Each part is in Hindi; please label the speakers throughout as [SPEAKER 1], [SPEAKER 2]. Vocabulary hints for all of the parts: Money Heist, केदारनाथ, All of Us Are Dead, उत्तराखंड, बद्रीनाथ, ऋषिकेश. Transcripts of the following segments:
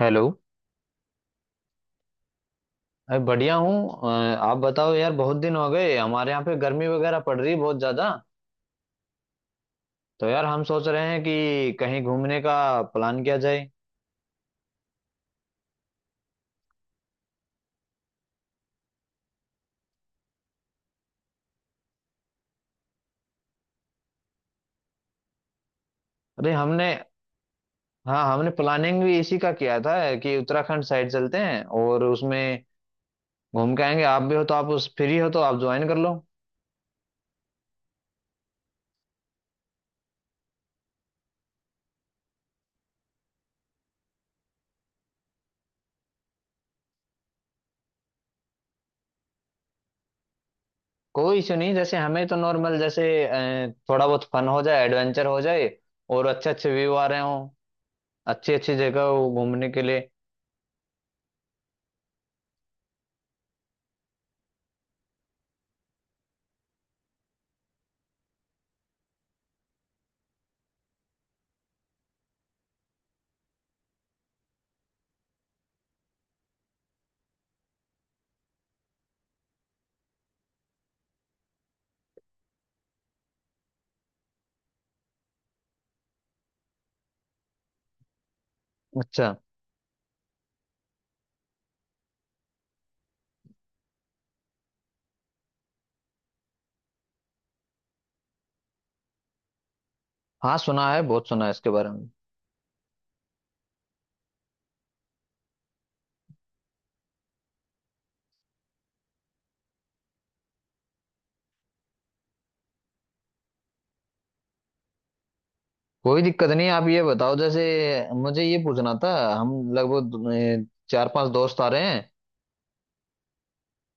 [SPEAKER 1] हेलो। अरे बढ़िया हूँ। आप बताओ यार, बहुत दिन हो गए। हमारे यहाँ पे गर्मी वगैरह पड़ रही है बहुत ज्यादा। तो यार हम सोच रहे हैं कि कहीं घूमने का प्लान किया जाए। अरे हमने, हाँ हमने प्लानिंग भी इसी का किया था कि उत्तराखंड साइड चलते हैं और उसमें घूम के आएंगे। आप भी हो तो, आप उस फ्री हो तो आप ज्वाइन कर लो। कोई इशू नहीं, जैसे हमें तो नॉर्मल जैसे थोड़ा बहुत फन हो जाए, एडवेंचर हो जाए और अच्छे अच्छे व्यू आ रहे हों, अच्छी अच्छी जगह हो घूमने के लिए। अच्छा। हाँ सुना है, बहुत सुना है इसके बारे में। कोई दिक्कत नहीं, आप ये बताओ जैसे मुझे ये पूछना था, हम लगभग चार पांच दोस्त आ रहे हैं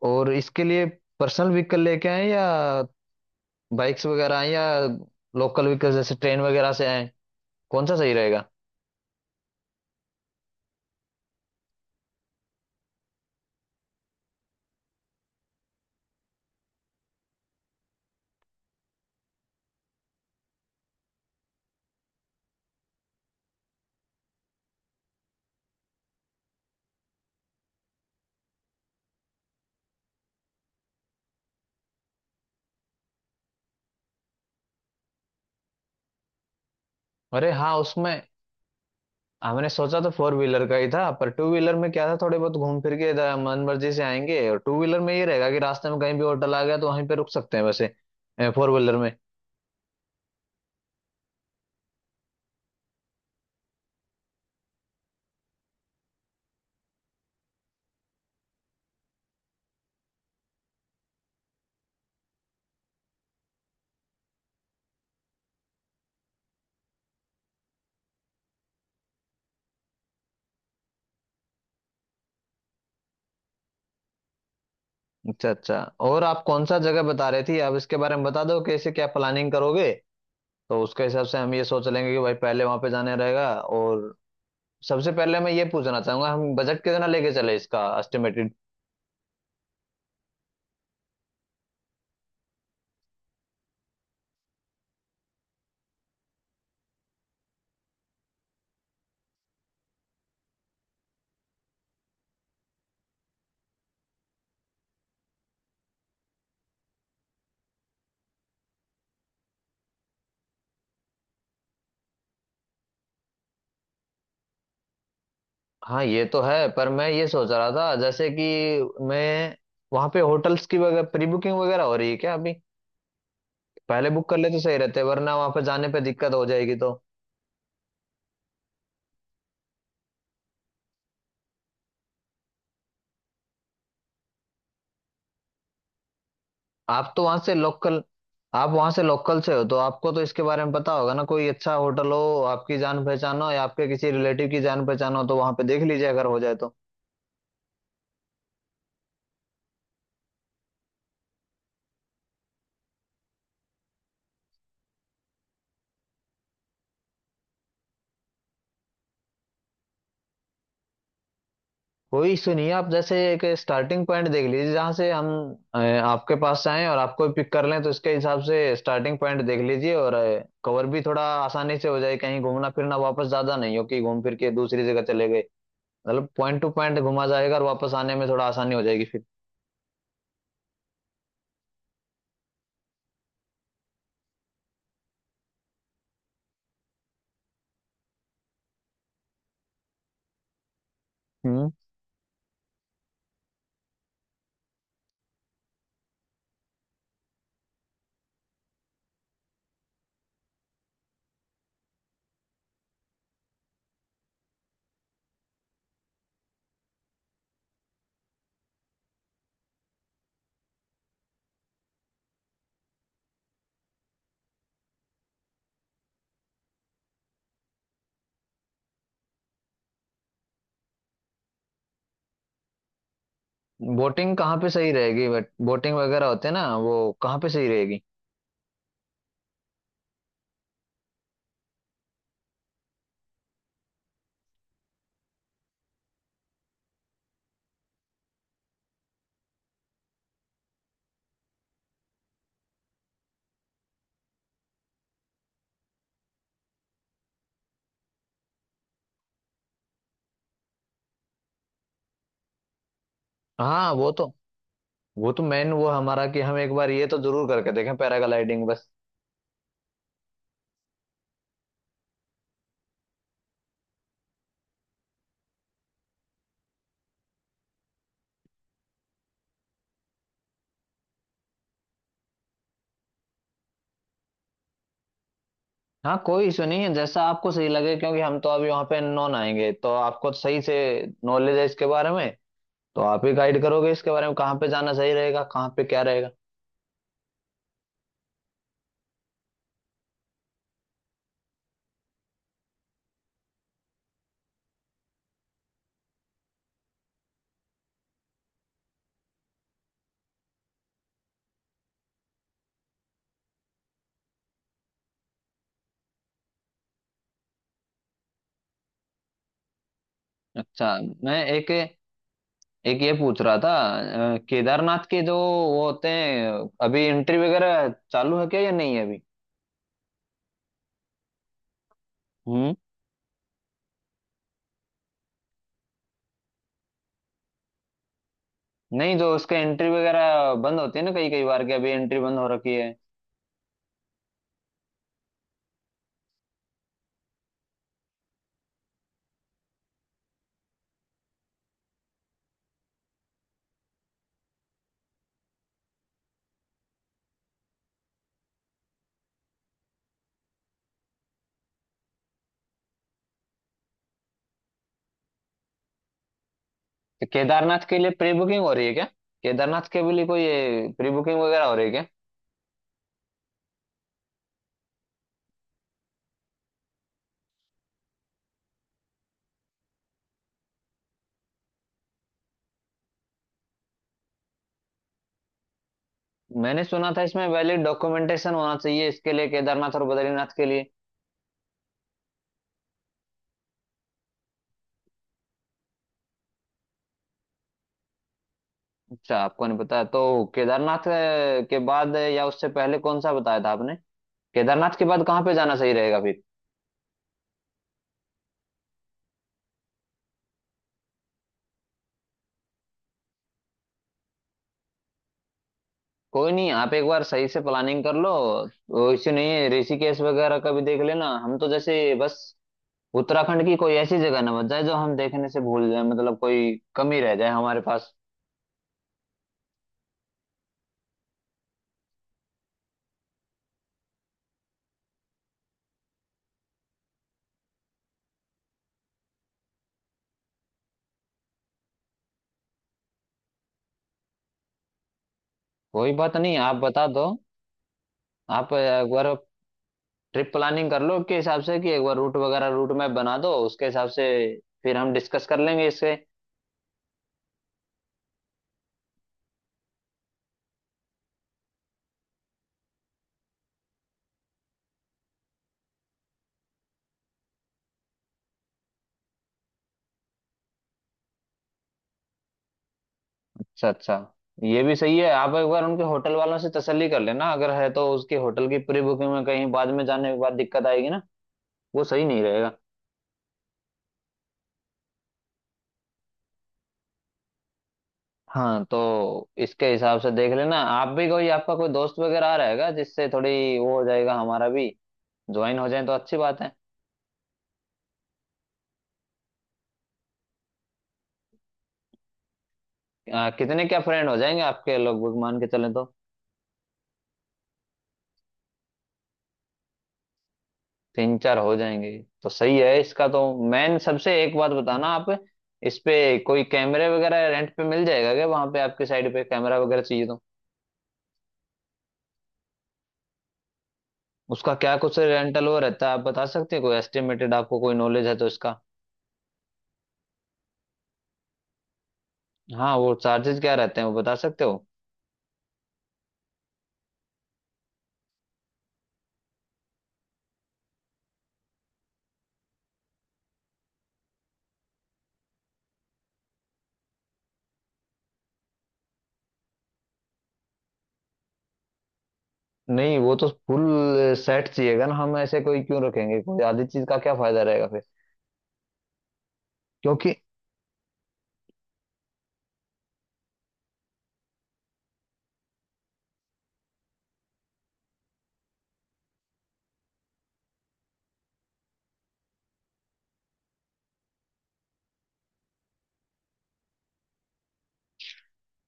[SPEAKER 1] और इसके लिए पर्सनल व्हीकल लेके आए या बाइक्स वगैरह आए या लोकल व्हीकल जैसे ट्रेन वगैरह से आए, कौन सा सही रहेगा? अरे हाँ, उसमें हमने सोचा तो फोर व्हीलर का ही था, पर टू व्हीलर में क्या था, थोड़े बहुत घूम फिर के इधर मन मर्जी से आएंगे। और टू व्हीलर में ये रहेगा कि रास्ते में कहीं भी होटल आ गया तो वहीं पे रुक सकते हैं, वैसे फोर व्हीलर में। अच्छा अच्छा। और आप कौन सा जगह बता रहे थी, आप इसके बारे में बता दो कैसे क्या प्लानिंग करोगे, तो उसके हिसाब से हम ये सोच लेंगे कि भाई पहले वहां पे जाने रहेगा। और सबसे पहले मैं ये पूछना चाहूंगा हम बजट कितना लेके चले, इसका एस्टिमेटेड। हाँ ये तो है, पर मैं ये सोच रहा था जैसे कि मैं वहां पे होटल्स की वगैरह प्री बुकिंग वगैरह हो रही है क्या अभी? पहले बुक कर ले तो सही रहते, वरना वहां पे जाने पे दिक्कत हो जाएगी तो। आप तो वहां से लोकल, आप वहां से लोकल से हो तो आपको तो इसके बारे में पता होगा ना, कोई अच्छा होटल हो, आपकी जान पहचान हो या आपके किसी रिलेटिव की जान पहचान हो तो वहां पे देख लीजिए अगर हो जाए तो। कोई इशू नहीं है, आप जैसे एक स्टार्टिंग पॉइंट देख लीजिए जहां से हम आपके पास आए और आपको पिक कर लें, तो इसके हिसाब से स्टार्टिंग पॉइंट देख लीजिए और कवर भी थोड़ा आसानी से हो जाए, कहीं घूमना फिरना वापस ज्यादा नहीं हो कि घूम फिर के दूसरी जगह चले गए, मतलब पॉइंट टू पॉइंट घुमा जाएगा और वापस आने में थोड़ा आसानी हो जाएगी फिर। बोटिंग कहाँ पे सही रहेगी, बट बोटिंग वगैरह होते हैं ना वो कहाँ पे सही रहेगी? हाँ वो तो, वो तो मेन वो हमारा कि हम एक बार ये तो जरूर करके देखें पैराग्लाइडिंग बस। हाँ कोई इशू नहीं है, जैसा आपको सही लगे क्योंकि हम तो अभी वहाँ पे नॉन आएंगे, तो आपको सही से नॉलेज है इसके बारे में, तो आप ही गाइड करोगे इसके बारे में कहाँ पे जाना सही रहेगा, कहाँ पे क्या रहेगा। अच्छा। मैं एक, एक ये पूछ रहा था, केदारनाथ के जो वो होते हैं, अभी एंट्री वगैरह चालू है क्या या नहीं है अभी? नहीं, जो उसके एंट्री वगैरह बंद होती है ना कई कई बार के, अभी एंट्री बंद हो रखी है तो? केदारनाथ के लिए प्री बुकिंग हो रही है क्या? केदारनाथ के लिए कोई प्री बुकिंग वगैरह हो रही है क्या? मैंने सुना था इसमें वैलिड डॉक्यूमेंटेशन होना चाहिए इसके लिए केदारनाथ और बद्रीनाथ के लिए। अच्छा, आपको नहीं पता तो। केदारनाथ के बाद या उससे पहले कौन सा बताया था आपने? केदारनाथ के बाद कहाँ पे जाना सही रहेगा फिर? कोई नहीं, आप एक बार सही से प्लानिंग कर लो। वो इसी नहीं है, ऋषिकेश वगैरह का भी देख लेना। हम तो जैसे बस उत्तराखंड की कोई ऐसी जगह ना बच जाए जो हम देखने से भूल जाए, मतलब कोई कमी रह जाए हमारे पास। कोई बात नहीं, आप बता दो। आप एक बार ट्रिप प्लानिंग कर लो के हिसाब से, कि एक बार रूट वगैरह रूट मैप बना दो उसके हिसाब से, फिर हम डिस्कस कर लेंगे इससे। अच्छा अच्छा। ये भी सही है, आप एक बार उनके होटल वालों से तसल्ली कर लेना, अगर है तो उसके होटल की प्री बुकिंग में कहीं बाद में जाने के बाद दिक्कत आएगी ना, वो सही नहीं रहेगा। हाँ, तो इसके हिसाब से देख लेना। आप भी कोई, आपका कोई दोस्त वगैरह आ रहेगा जिससे थोड़ी वो हो जाएगा, हमारा भी ज्वाइन हो जाए तो अच्छी बात है। कितने क्या फ्रेंड हो जाएंगे आपके लगभग, मान के चले तो? तीन चार हो जाएंगे तो सही है इसका तो। मैन सबसे एक बात बताना आप, इस पे कोई कैमरे वगैरह रेंट पे मिल जाएगा क्या वहां पे? आपके साइड पे कैमरा वगैरह चाहिए तो उसका क्या कुछ रेंटल वो रहता है, आप बता सकते हैं कोई एस्टिमेटेड? आपको कोई नॉलेज है तो इसका। हाँ वो चार्जेस क्या रहते हैं वो बता सकते हो? नहीं वो तो फुल सेट चाहिएगा ना, हम ऐसे कोई क्यों रखेंगे, कोई आधी चीज का क्या फायदा रहेगा फिर। क्योंकि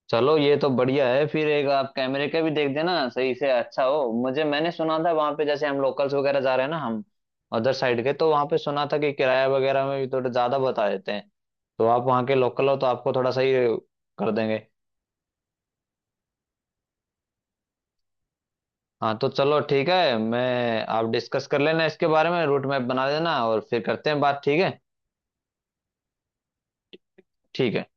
[SPEAKER 1] चलो ये तो बढ़िया है फिर। एक आप कैमरे का भी देख देना सही से अच्छा हो मुझे। मैंने सुना था वहां पे, जैसे हम लोकल्स वगैरह जा रहे हैं ना, हम अदर साइड के, तो वहां पे सुना था कि किराया वगैरह में भी थोड़ा ज्यादा बता देते हैं, तो आप वहां के लोकल हो तो आपको थोड़ा सही कर देंगे। हाँ तो चलो ठीक है, मैं, आप डिस्कस कर लेना इसके बारे में रूट मैप बना देना और फिर करते हैं बात, ठीक है? ठीक है।